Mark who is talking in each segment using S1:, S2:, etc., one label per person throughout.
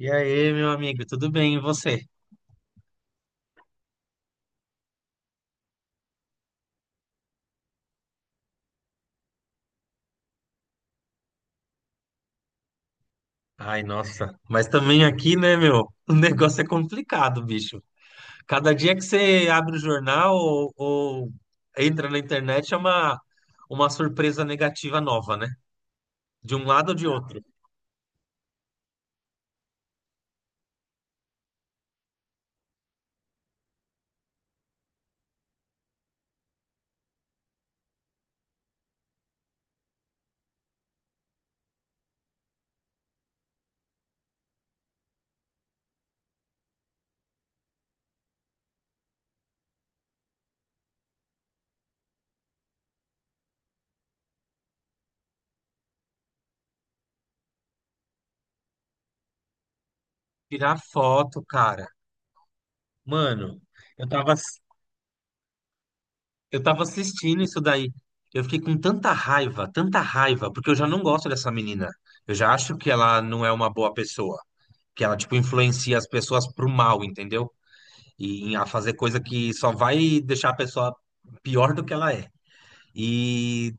S1: E aí, meu amigo, tudo bem? E você? Ai, nossa, mas também aqui, né, meu? O negócio é complicado, bicho. Cada dia que você abre o jornal ou entra na internet é uma surpresa negativa nova, né? De um lado ou de outro. Tirar foto, cara. Mano, eu tava, eu tava assistindo isso daí. Eu fiquei com tanta raiva, porque eu já não gosto dessa menina. Eu já acho que ela não é uma boa pessoa. Que ela, tipo, influencia as pessoas pro mal, entendeu? E a fazer coisa que só vai deixar a pessoa pior do que ela é. E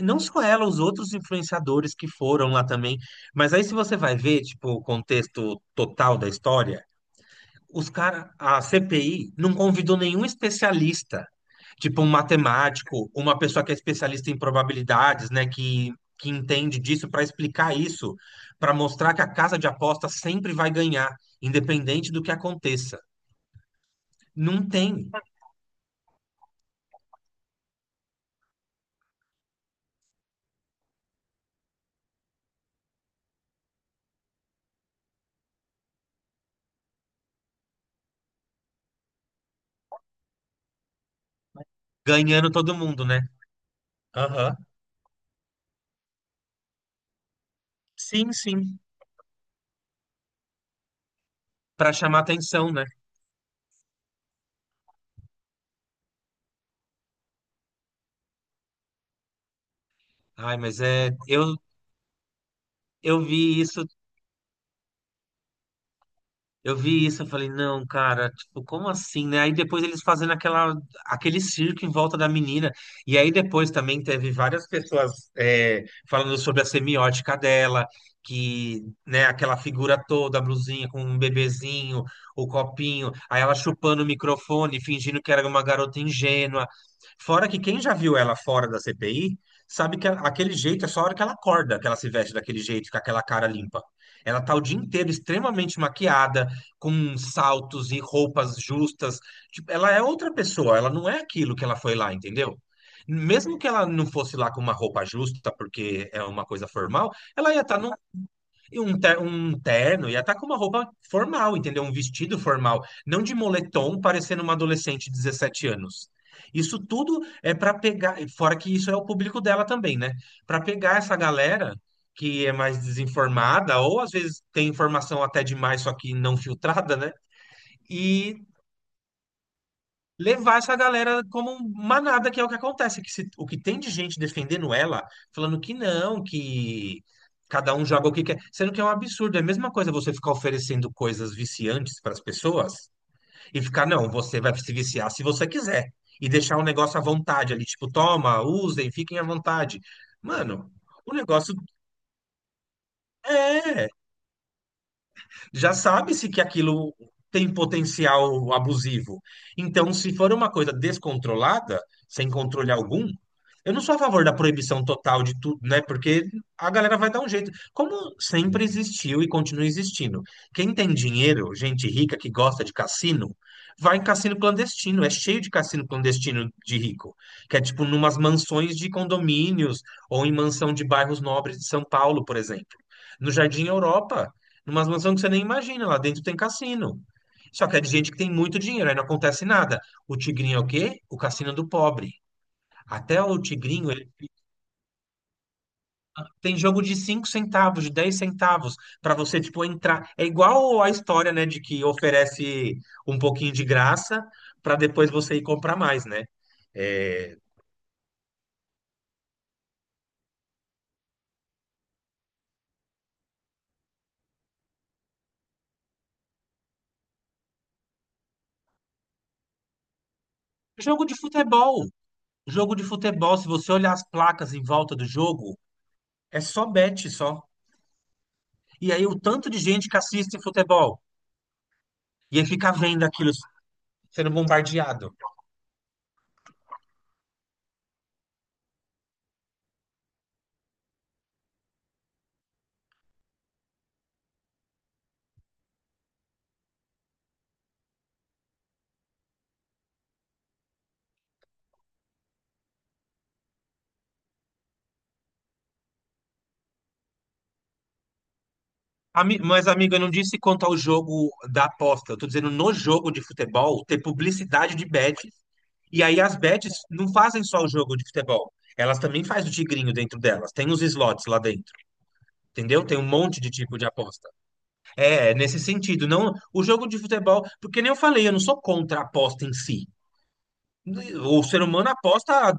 S1: não só ela, os outros influenciadores que foram lá também. Mas aí, se você vai ver, tipo, o contexto total da história, os cara a CPI não convidou nenhum especialista, tipo um matemático, uma pessoa que é especialista em probabilidades, né, que entende disso para explicar isso, para mostrar que a casa de aposta sempre vai ganhar, independente do que aconteça. Não tem. Ganhando todo mundo, né? Aham. Sim, sim, para chamar atenção, né? Ai, mas eu vi isso. Eu vi isso, eu falei, não, cara, tipo, como assim, né? Aí depois eles fazendo aquele circo em volta da menina. E aí depois também teve várias pessoas falando sobre a semiótica dela, que, né, aquela figura toda, a blusinha com um bebezinho, o copinho, aí ela chupando o microfone, fingindo que era uma garota ingênua. Fora que quem já viu ela fora da CPI, sabe que aquele jeito é só a hora que ela acorda, que ela se veste daquele jeito, com aquela cara limpa. Ela tá o dia inteiro extremamente maquiada, com saltos e roupas justas. Tipo, ela é outra pessoa, ela não é aquilo que ela foi lá, entendeu? Mesmo que ela não fosse lá com uma roupa justa, porque é uma coisa formal, ela ia estar num em um, ter- um terno, ia estar com uma roupa formal, entendeu? Um vestido formal, não de moletom, parecendo uma adolescente de 17 anos. Isso tudo é para pegar, fora que isso é o público dela também, né? Para pegar essa galera que é mais desinformada, ou às vezes tem informação até demais, só que não filtrada, né? E levar essa galera como manada, que é o que acontece, que o que tem de gente defendendo ela, falando que não, que cada um joga o que quer, sendo que é um absurdo, é a mesma coisa você ficar oferecendo coisas viciantes para as pessoas e ficar, não, você vai se viciar se você quiser e deixar o negócio à vontade ali, tipo, toma, usem, fiquem à vontade. Mano, o negócio é já sabe-se que aquilo tem potencial abusivo. Então, se for uma coisa descontrolada, sem controle algum, eu não sou a favor da proibição total de tudo, né? Porque a galera vai dar um jeito. Como sempre existiu e continua existindo. Quem tem dinheiro, gente rica que gosta de cassino, vai em cassino clandestino. É cheio de cassino clandestino de rico. Que é tipo numas mansões de condomínios ou em mansão de bairros nobres de São Paulo, por exemplo. No Jardim Europa, numas mansões que você nem imagina, lá dentro tem cassino. Só que é de gente que tem muito dinheiro, aí não acontece nada. O Tigrinho é o quê? O cassino do pobre. Até o Tigrinho, ele tem jogo de 5 centavos, de 10 centavos, para você, tipo, entrar. É igual a história, né, de que oferece um pouquinho de graça para depois você ir comprar mais, né? É. Jogo de futebol. Jogo de futebol, se você olhar as placas em volta do jogo, é só bet, só. E aí o tanto de gente que assiste futebol. E aí fica vendo aquilo sendo bombardeado. Mas, amigo, eu não disse quanto ao jogo da aposta. Eu tô dizendo no jogo de futebol ter publicidade de bets. E aí as bets não fazem só o jogo de futebol. Elas também fazem o tigrinho dentro delas. Tem os slots lá dentro, entendeu? Tem um monte de tipo de aposta. É nesse sentido, não o jogo de futebol, porque nem eu falei, eu não sou contra a aposta em si. O ser humano aposta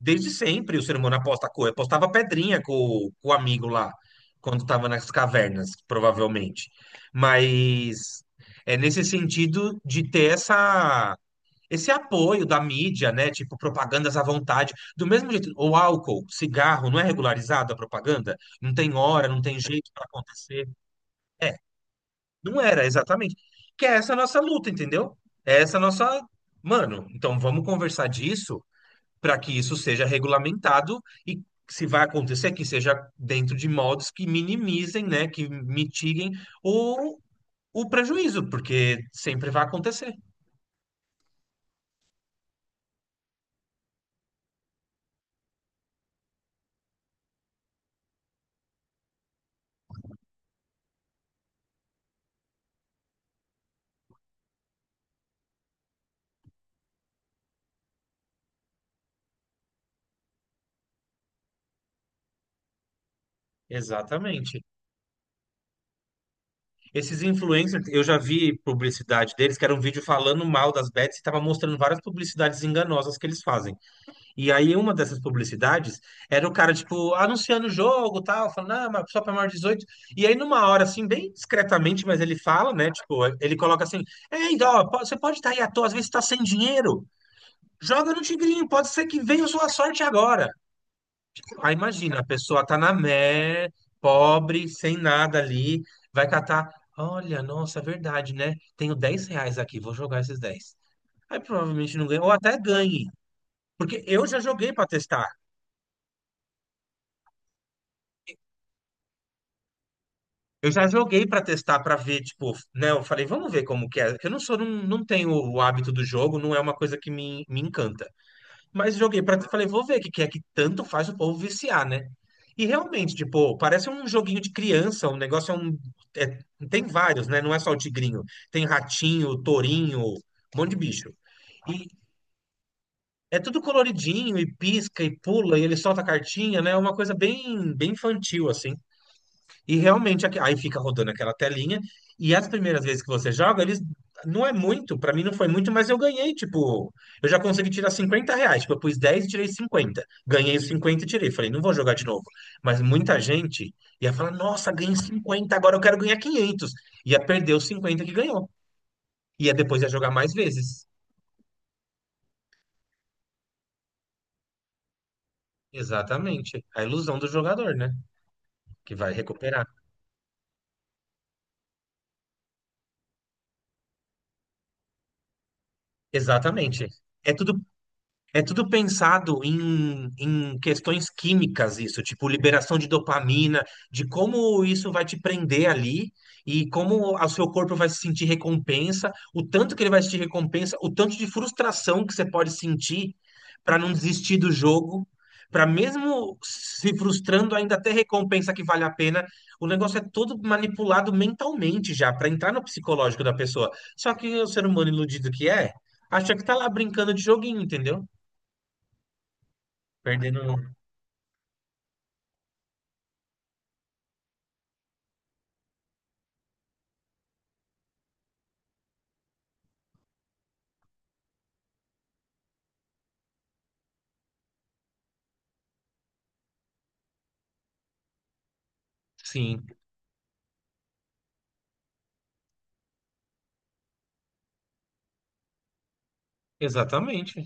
S1: desde sempre. O ser humano aposta a cor. Apostava pedrinha com o amigo lá, quando estava nas cavernas, provavelmente. Mas é nesse sentido de ter esse apoio da mídia, né? Tipo, propagandas à vontade. Do mesmo jeito, o álcool, cigarro, não é regularizado a propaganda? Não tem hora, não tem jeito para acontecer. Não era, exatamente. Que é essa a nossa luta, entendeu? É essa a nossa. Mano, então vamos conversar disso para que isso seja regulamentado e se vai acontecer que seja dentro de modos que minimizem, né, que mitiguem o, o prejuízo, porque sempre vai acontecer. Exatamente. Esses influencers, eu já vi publicidade deles, que era um vídeo falando mal das bets e estava mostrando várias publicidades enganosas que eles fazem. E aí, uma dessas publicidades era o cara, tipo, anunciando o jogo, tal, falando, ah, mas só para maior de 18. E aí, numa hora, assim, bem discretamente, mas ele fala, né? Tipo, ele coloca assim: ei, ó, você pode estar aí à toa, às vezes está sem dinheiro. Joga no Tigrinho, pode ser que venha a sua sorte agora. Aí, imagina, a pessoa tá pobre, sem nada ali, vai catar. Olha, nossa, é verdade, né? Tenho 10 reais aqui, vou jogar esses 10. Aí provavelmente não ganha, ou até ganhe. Porque eu já joguei para testar. Eu já joguei pra testar, pra ver, tipo, né? Eu falei, vamos ver como que é. Eu não sou, não, não tenho o hábito do jogo, não é uma coisa que me encanta. Mas joguei pra falei, vou ver o que que é que tanto faz o povo viciar, né? E realmente, tipo, parece um joguinho de criança, um negócio é um. é- Tem vários, né? Não é só o tigrinho. Tem ratinho, tourinho, um monte de bicho. E é tudo coloridinho, e pisca, e pula, e ele solta a cartinha, né? É uma coisa bem, bem infantil, assim. E realmente aí fica rodando aquela telinha. E as primeiras vezes que você joga, eles não é muito, pra mim não foi muito, mas eu ganhei, tipo, eu já consegui tirar 50 reais. Tipo, eu pus 10 e tirei 50. Ganhei os 50 e tirei. Falei, não vou jogar de novo. Mas muita gente ia falar, nossa, ganhei 50 agora eu quero ganhar 500. Ia perder os 50 que ganhou. Ia, depois ia jogar mais vezes. Exatamente. A ilusão do jogador, né? Que vai recuperar. Exatamente. É tudo É tudo pensado em, questões químicas, isso, tipo liberação de dopamina, de como isso vai te prender ali e como o seu corpo vai se sentir recompensa, o tanto que ele vai sentir recompensa, o tanto de frustração que você pode sentir para não desistir do jogo, para mesmo se frustrando ainda ter recompensa que vale a pena. O negócio é todo manipulado mentalmente já, para entrar no psicológico da pessoa. Só que o ser humano iludido que é, acha que tá lá brincando de joguinho, entendeu? Perdendo. Sim, exatamente.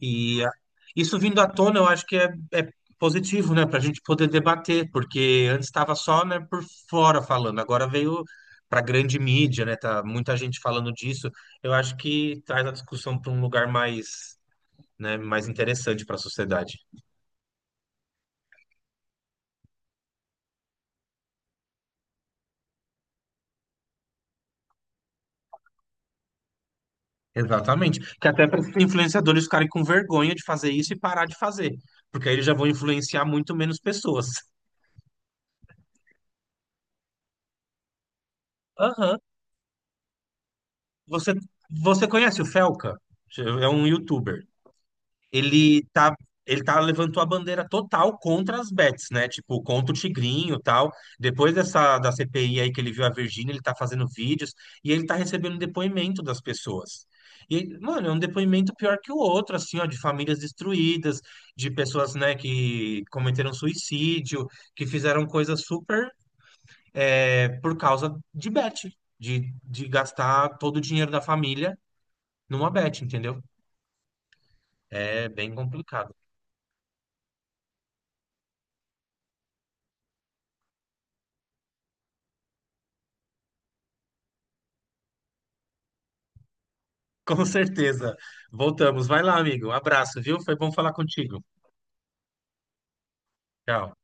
S1: E isso vindo à tona, eu acho que é positivo, né, para a gente poder debater, porque antes estava só, né, por fora falando, agora veio para grande mídia, né, tá muita gente falando disso. Eu acho que traz a discussão para um lugar mais, né, mais interessante para a sociedade. Exatamente. Que até para influenciadores ficarem com vergonha de fazer isso e parar de fazer, porque aí eles já vão influenciar muito menos pessoas. Aham. Você, você conhece o Felca? É um youtuber. Ele tá, ele tá levantou a bandeira total contra as bets, né? Tipo, contra o Tigrinho e tal. Depois dessa da CPI aí que ele viu a Virgínia, ele tá fazendo vídeos e ele tá recebendo um depoimento das pessoas. E, mano, é um depoimento pior que o outro, assim, ó, de famílias destruídas, de pessoas, né, que cometeram suicídio, que fizeram coisas super, por causa de bet, de gastar todo o dinheiro da família numa bet, entendeu? É bem complicado. Com certeza. Voltamos. Vai lá, amigo. Abraço, viu? Foi bom falar contigo. Tchau.